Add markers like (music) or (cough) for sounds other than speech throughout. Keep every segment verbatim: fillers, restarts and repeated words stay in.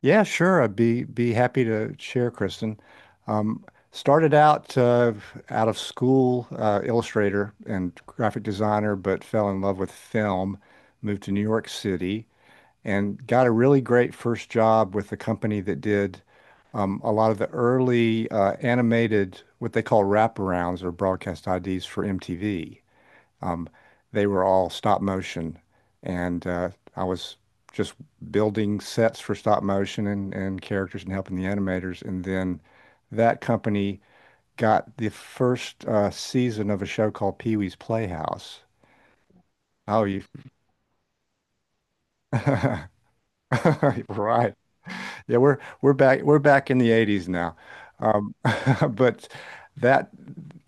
Yeah, sure. I'd be be happy to share, Kristen. Um, Started out uh, out of school, uh, illustrator and graphic designer, but fell in love with film. Moved to New York City and got a really great first job with a company that did um, a lot of the early uh, animated, what they call wraparounds or broadcast I Ds for M T V. Um, They were all stop motion, and uh, I was just building sets for stop motion and, and characters and helping the animators. And then that company got the first uh, season of a show called Pee-wee's Playhouse. Oh, you (laughs) right. Yeah, we're we're back we're back in the eighties now. Um, (laughs) but that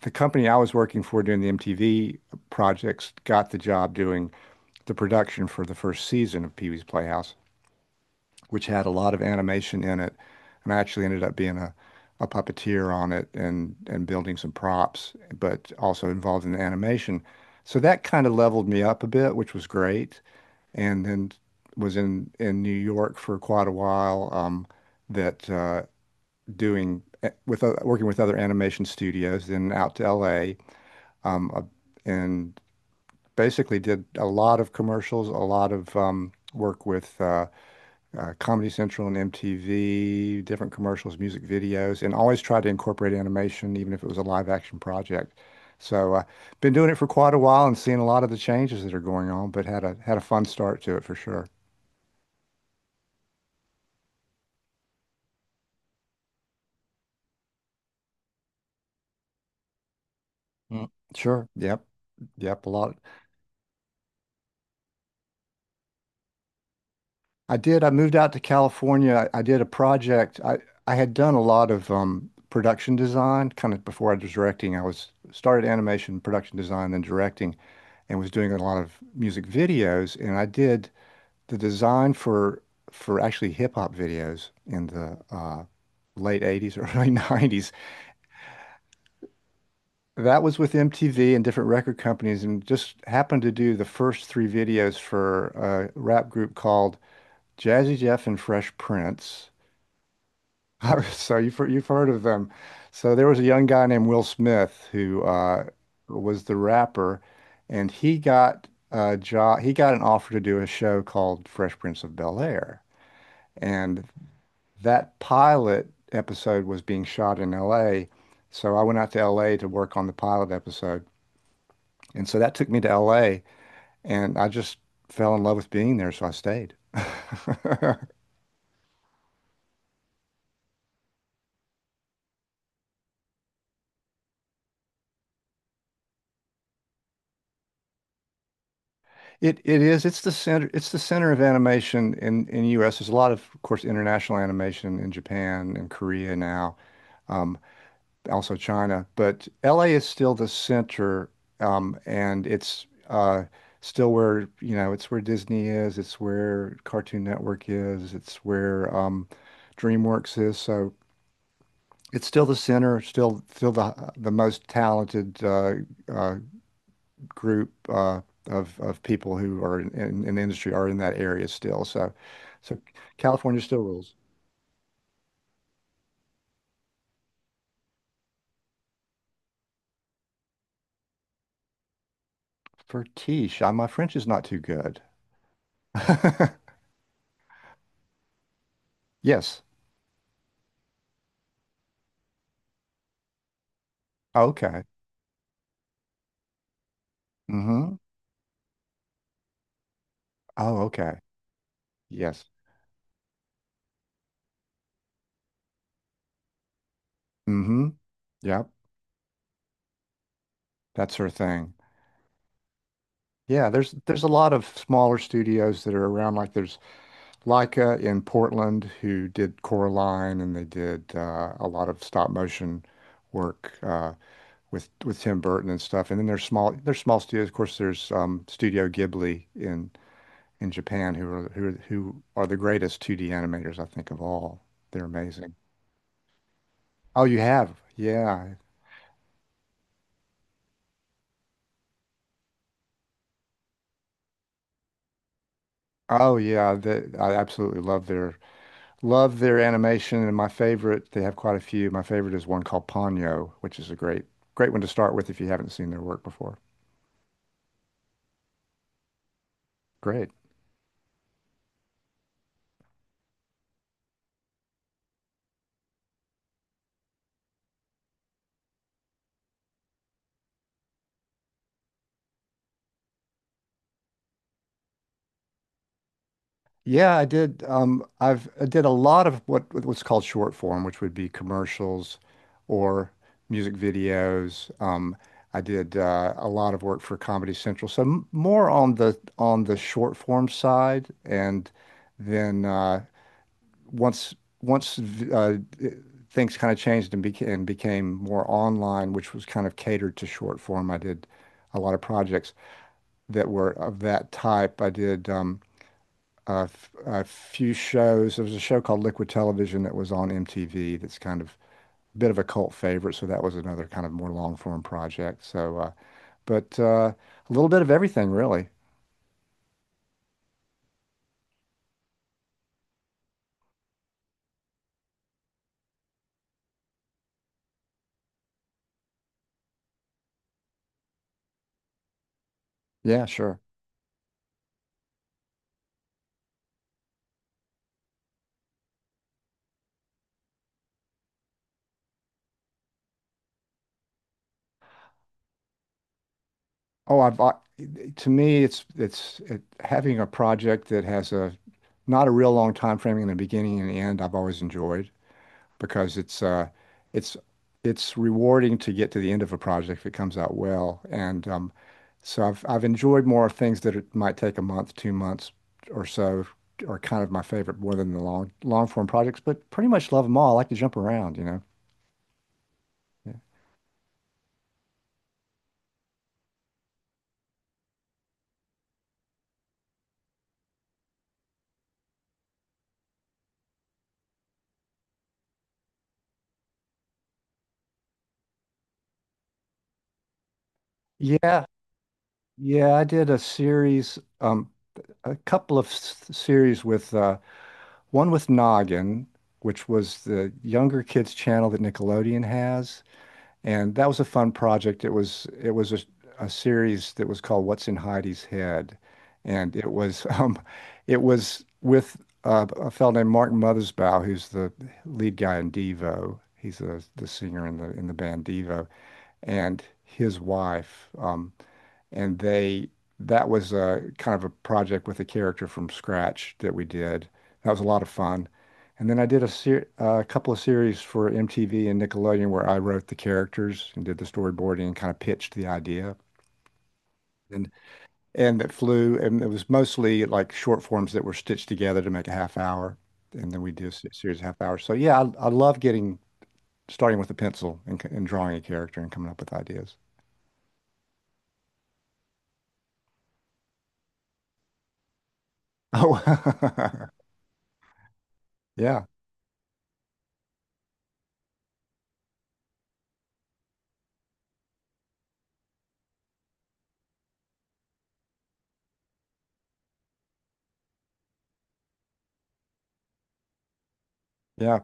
the company I was working for doing the M T V projects got the job doing the production for the first season of Pee Wee's Playhouse, which had a lot of animation in it. And I actually ended up being a, a puppeteer on it and, and building some props, but also involved in the animation. So that kind of leveled me up a bit, which was great. And then was in, in New York for quite a while, um, that uh, doing eh, with uh, working with other animation studios, then out to L A, um, uh, and basically did a lot of commercials, a lot of um, work with uh, uh, Comedy Central and M T V, different commercials, music videos, and always tried to incorporate animation, even if it was a live action project. So, uh, been doing it for quite a while and seeing a lot of the changes that are going on, but had a had a fun start to it for sure. Mm. Sure. Yep. Yep. A lot. I did. I moved out to California. I, I did a project. I, I had done a lot of um, production design kind of before I was directing. I was started animation, production design, then directing, and was doing a lot of music videos. And I did the design for for actually hip hop videos in the uh, late eighties, (laughs) early nineties. That was with M T V and different record companies, and just happened to do the first three videos for a rap group called Jazzy Jeff and Fresh Prince. (laughs) So you've heard- you've heard of them. So there was a young guy named Will Smith who uh, was the rapper, and he got a job. He got an offer to do a show called Fresh Prince of Bel-Air, and that pilot episode was being shot in L A. So I went out to L A to work on the pilot episode, and so that took me to L A and I just fell in love with being there, so I stayed. (laughs) It it is. It's the center. It's the center of animation in in U S. There's a lot of, of course, international animation in Japan and Korea now, um, also China. But L A is still the center, um, and it's uh, still where you know it's where Disney is. It's where Cartoon Network is. It's where um, DreamWorks is. So it's still the center. Still, still the the most talented uh, uh, group uh, of of people who are in in in the industry are in that area still. So so California still rules. Fertiche, my French is not too good. (laughs) Yes. Okay. Mm-hmm. Oh, okay. Yes. Mm-hmm. Yep. That's her thing. Yeah, there's there's a lot of smaller studios that are around. Like there's Laika in Portland who did Coraline and they did uh, a lot of stop motion work uh, with with Tim Burton and stuff. And then there's small there's small studios. Of course, there's um, Studio Ghibli in in Japan, who are who are, who are the greatest two D animators I think of all. They're amazing. Oh, you have? Yeah. Oh yeah, the, I absolutely love their love their animation, and my favorite, they have quite a few. My favorite is one called Ponyo, which is a great great one to start with if you haven't seen their work before. Great. Yeah, I did. Um, I've I did a lot of what what's called short form, which would be commercials or music videos. Um, I did uh, a lot of work for Comedy Central, so m more on the on the short form side. And then uh, once once v- uh, things kind of changed and became and became more online, which was kind of catered to short form. I did a lot of projects that were of that type. I did. Um, a, f- a few shows. There was a show called Liquid Television that was on M T V that's kind of a bit of a cult favorite. So that was another kind of more long form project. So, uh, but uh, a little bit of everything, really. Yeah, sure. Oh, I've, I, to me, it's it's it, having a project that has a not a real long time frame in the beginning and the end. I've always enjoyed. Because it's uh, it's it's rewarding to get to the end of a project if it comes out well. And um, so I've I've enjoyed more things that it might take a month, two months or so are kind of my favorite more than the long long form projects, but pretty much love them all. I like to jump around, you know. Yeah. Yeah, yeah, I did a series, um, a couple of s- series with uh, one with Noggin, which was the younger kids channel that Nickelodeon has. And that was a fun project. It was it was a, a series that was called What's in Heidi's Head, and it was (laughs) um, it was with uh, a fellow named Martin Mothersbaugh, who's the lead guy in Devo. He's the the singer in the in the band Devo, and his wife. Um, and they that was a kind of a project with a character from scratch that we did. That was a lot of fun. And then I did a ser a couple of series for M T V and Nickelodeon where I wrote the characters and did the storyboarding and kind of pitched the idea. And and that flew and it was mostly like short forms that were stitched together to make a half hour. And then we did a se- series of half hours. So yeah, I, I love getting starting with a pencil and, c- and drawing a character and coming up with ideas. (laughs) Oh, (laughs) yeah, yeah.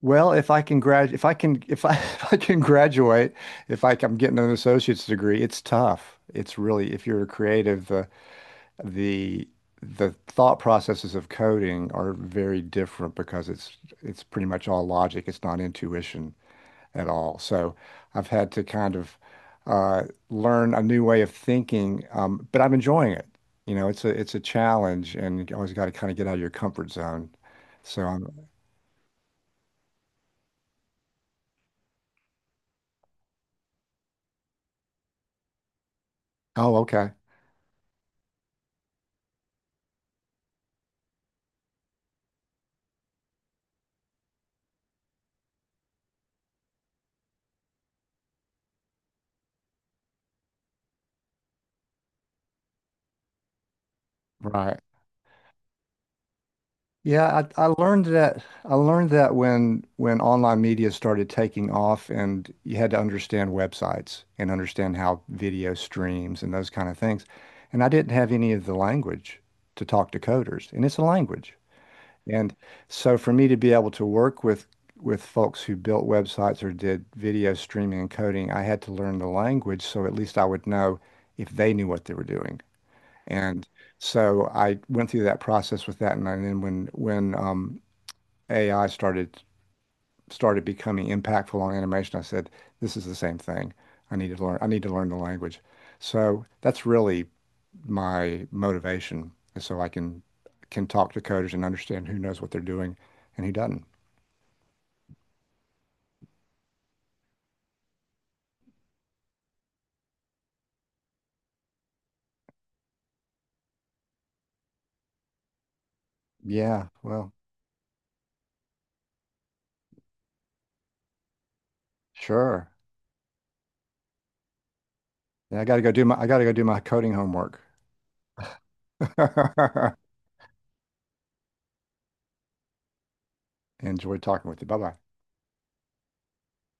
Well, if I can grad, if I can, if I, (laughs) if I can graduate, if I, am getting an associate's degree, it's tough. It's really, if you're a creative, the the the thought processes of coding are very different because it's it's pretty much all logic. It's not intuition at all. So I've had to kind of uh, learn a new way of thinking, um, but I'm enjoying it. You know, it's a it's a challenge, and you always got to kind of get out of your comfort zone. So I'm, oh, okay, right. Yeah, I, I learned that I learned that when when online media started taking off and you had to understand websites and understand how video streams and those kind of things. And I didn't have any of the language to talk to coders, and it's a language. And so for me to be able to work with with folks who built websites or did video streaming and coding, I had to learn the language so at least I would know if they knew what they were doing. And so I went through that process with that, and then when when um, A I started started becoming impactful on animation, I said, "This is the same thing. I need to learn. I need to learn the language." So that's really my motivation, is so I can can talk to coders and understand who knows what they're doing and who doesn't. Yeah, well, sure. Yeah, I got to go do my I got to go do my coding homework. (laughs) Enjoyed talking with you. Bye bye.